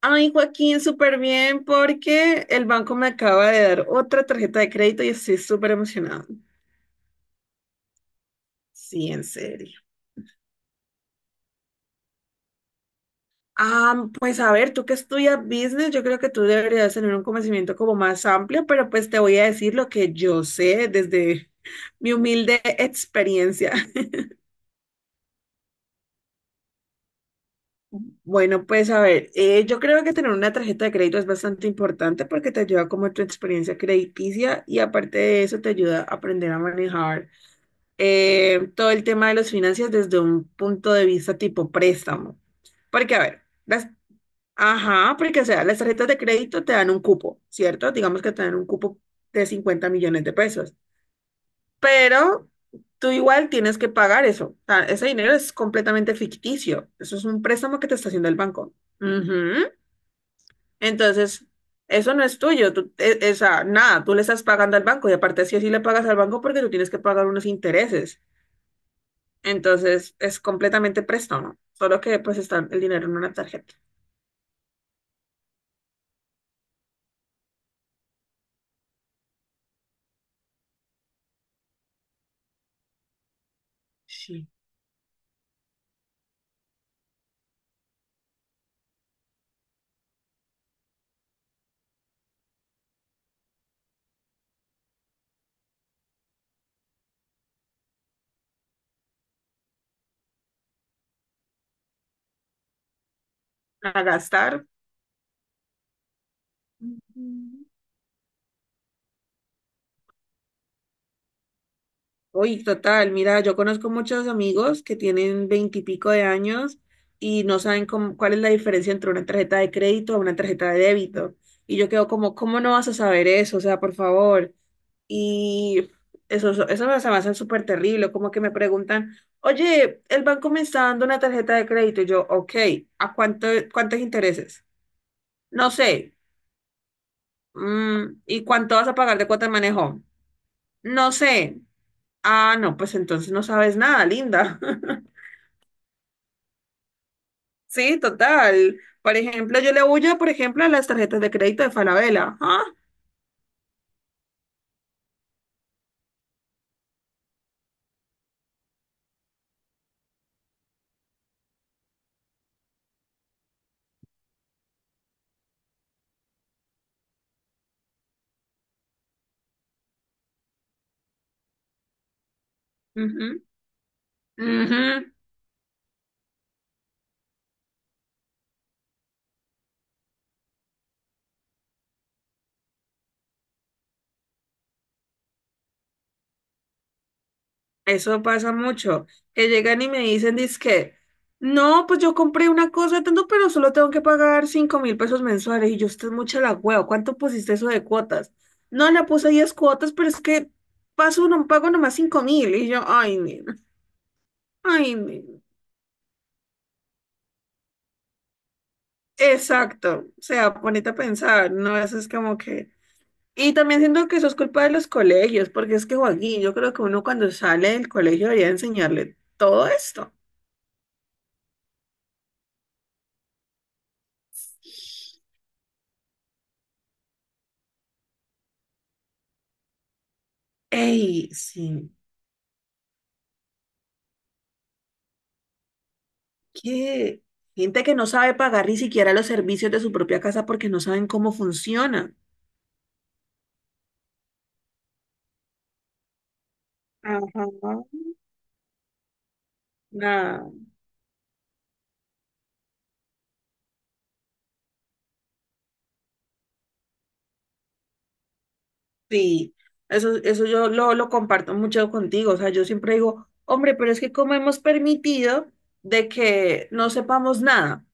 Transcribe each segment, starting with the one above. Ay, Joaquín, súper bien porque el banco me acaba de dar otra tarjeta de crédito y estoy súper emocionado. Sí, en serio. Ah, pues a ver, tú que estudias business, yo creo que tú deberías tener un conocimiento como más amplio, pero pues te voy a decir lo que yo sé desde mi humilde experiencia. Bueno, pues a ver, yo creo que tener una tarjeta de crédito es bastante importante porque te ayuda como tu experiencia crediticia y aparte de eso te ayuda a aprender a manejar todo el tema de las finanzas desde un punto de vista tipo préstamo. Porque, a ver, ajá, porque, o sea, las tarjetas de crédito te dan un cupo, ¿cierto? Digamos que te dan un cupo de 50 millones de pesos, pero tú igual tienes que pagar eso. O sea, ese dinero es completamente ficticio. Eso es un préstamo que te está haciendo el banco. Ujú. Entonces, eso no es tuyo. Tú, e- esa, nada, tú le estás pagando al banco y aparte si así le pagas al banco porque tú tienes que pagar unos intereses. Entonces es completamente préstamo, ¿no? Solo que pues está el dinero en una tarjeta. Sí. A gastar. Ujú. Uy, total, mira, yo conozco muchos amigos que tienen veintipico de años y no saben cuál es la diferencia entre una tarjeta de crédito a una tarjeta de débito. Y yo quedo como, ¿cómo no vas a saber eso? O sea, por favor. Y eso me se me hace súper terrible, como que me preguntan, oye, el banco me está dando una tarjeta de crédito. Y yo, ok, ¿a cuánto, cuántos intereses? No sé. Mm, ¿y cuánto vas a pagar de cuota de manejo? No sé. Ah, no, pues entonces no sabes nada, linda. Sí, total. Por ejemplo, yo le huyo, por ejemplo, a las tarjetas de crédito de Falabella. Ah. Ujú, ujú. Eso pasa mucho, que llegan y me dicen, dizque, no, pues yo compré una cosa de tanto, pero solo tengo que pagar 5.000 pesos mensuales. Y yo, usted es mucha la hueva, ¿cuánto pusiste eso de cuotas? No, le puse 10 cuotas, pero es que paso, no pago nomás 5.000. Y yo, ay, nena, ay, nena. Exacto, o sea, ponete a pensar, ¿no? Eso es como que... Y también siento que eso es culpa de los colegios, porque es que, Joaquín, yo creo que uno cuando sale del colegio debería enseñarle todo esto. Ey, sí. ¿Qué? Gente que no sabe pagar ni siquiera los servicios de su propia casa porque no saben cómo funciona. Ajá, nada, sí, eso yo lo comparto mucho contigo, o sea, yo siempre digo, hombre, pero es que cómo hemos permitido de que no sepamos nada,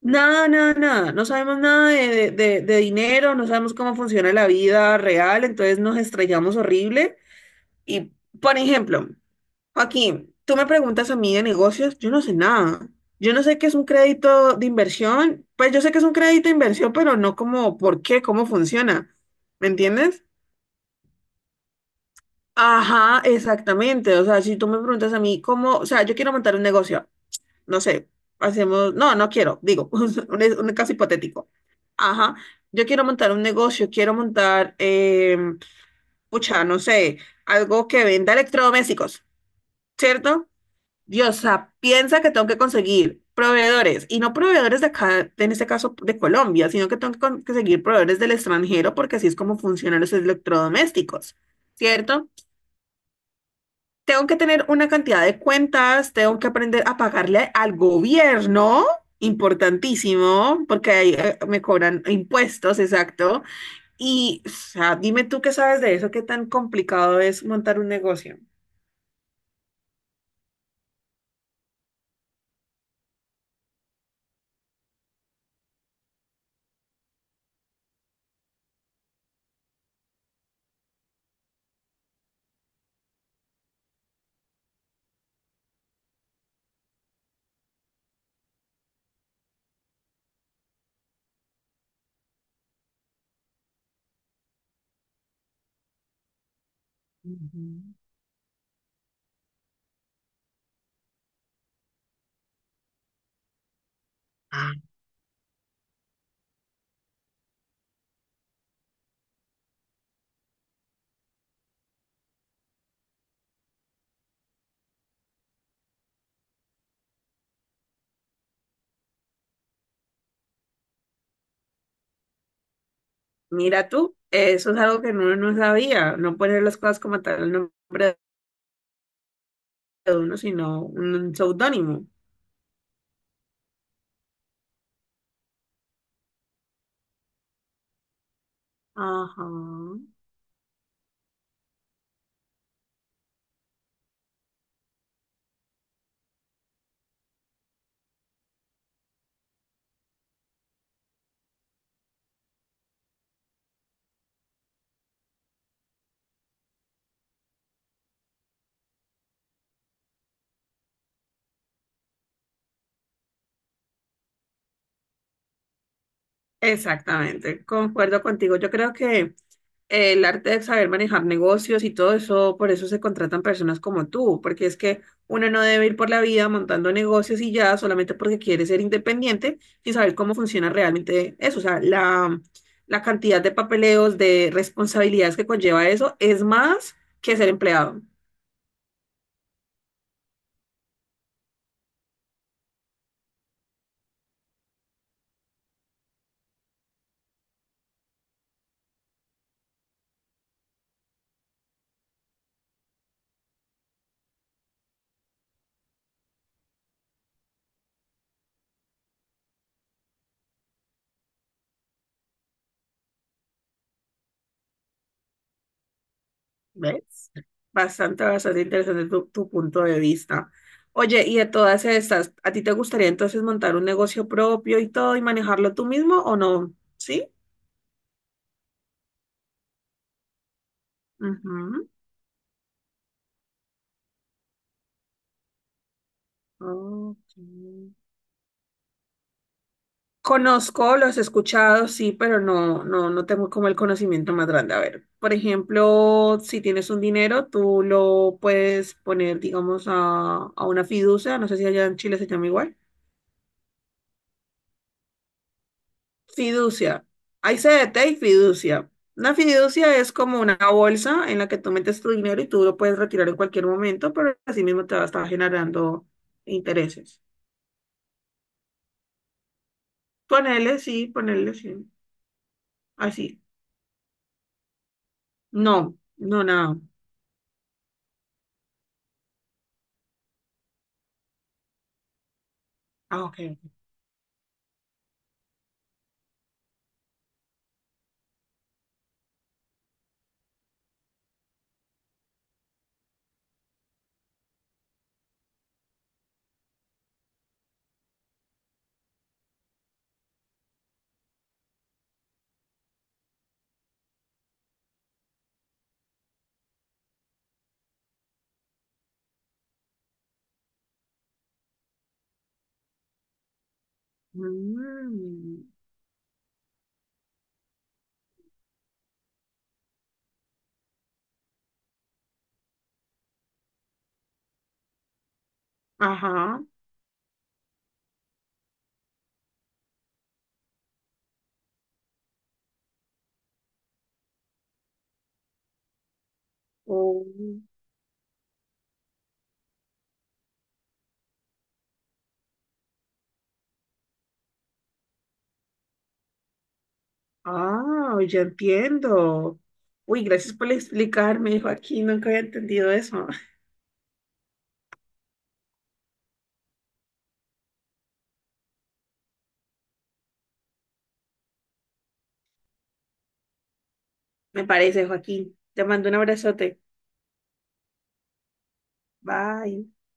nada, nada, nada, no sabemos nada de, dinero, no sabemos cómo funciona la vida real, entonces nos estrellamos horrible y, por ejemplo, Joaquín, tú me preguntas a mí de negocios, yo no sé nada. Yo no sé qué es un crédito de inversión. Pues yo sé que es un crédito de inversión, pero no como por qué, cómo funciona. ¿Me entiendes? Ajá, exactamente. O sea, si tú me preguntas a mí cómo, o sea, yo quiero montar un negocio, no sé, hacemos, no, no quiero, digo, un caso hipotético. Ajá, yo quiero montar un negocio, quiero montar, pucha, no sé, algo que venda electrodomésticos, ¿cierto? Dios, o sea, piensa que tengo que conseguir proveedores, y no proveedores de acá, en este caso de Colombia, sino que tengo que conseguir proveedores del extranjero porque así es como funcionan los electrodomésticos, ¿cierto? Tengo que tener una cantidad de cuentas, tengo que aprender a pagarle al gobierno, importantísimo, porque ahí me cobran impuestos, exacto. Y, o sea, dime tú qué sabes de eso, qué tan complicado es montar un negocio. Ujú. Mira tú, eso es algo que uno no sabía, no poner las cosas como tal el nombre de uno, sino un seudónimo. Ajá. Exactamente, concuerdo contigo. Yo creo que el arte de saber manejar negocios y todo eso, por eso se contratan personas como tú, porque es que uno no debe ir por la vida montando negocios y ya solamente porque quiere ser independiente y saber cómo funciona realmente eso. O sea, la cantidad de papeleos, de responsabilidades que conlleva eso es más que ser empleado. ¿Ves? Bastante, bastante interesante tu punto de vista. Oye, y de todas estas, ¿a ti te gustaría entonces montar un negocio propio y todo y manejarlo tú mismo o no? ¿Sí? Ujú. Ok. Conozco, los he escuchado, sí, pero no, no, no tengo como el conocimiento más grande. A ver, por ejemplo, si tienes un dinero, tú lo puedes poner, digamos, a una fiducia, no sé si allá en Chile se llama igual. Fiducia. Hay CDT y fiducia. Una fiducia es como una bolsa en la que tú metes tu dinero y tú lo puedes retirar en cualquier momento, pero así mismo te va a estar generando intereses. Ponele, sí, ponele, sí. Así. No, no, nada. Ah, ok. Mm, ajá. Oh, ah, ya entiendo. Uy, gracias por explicarme, Joaquín. Nunca había entendido eso. Me parece, Joaquín. Te mando un abrazote. Bye.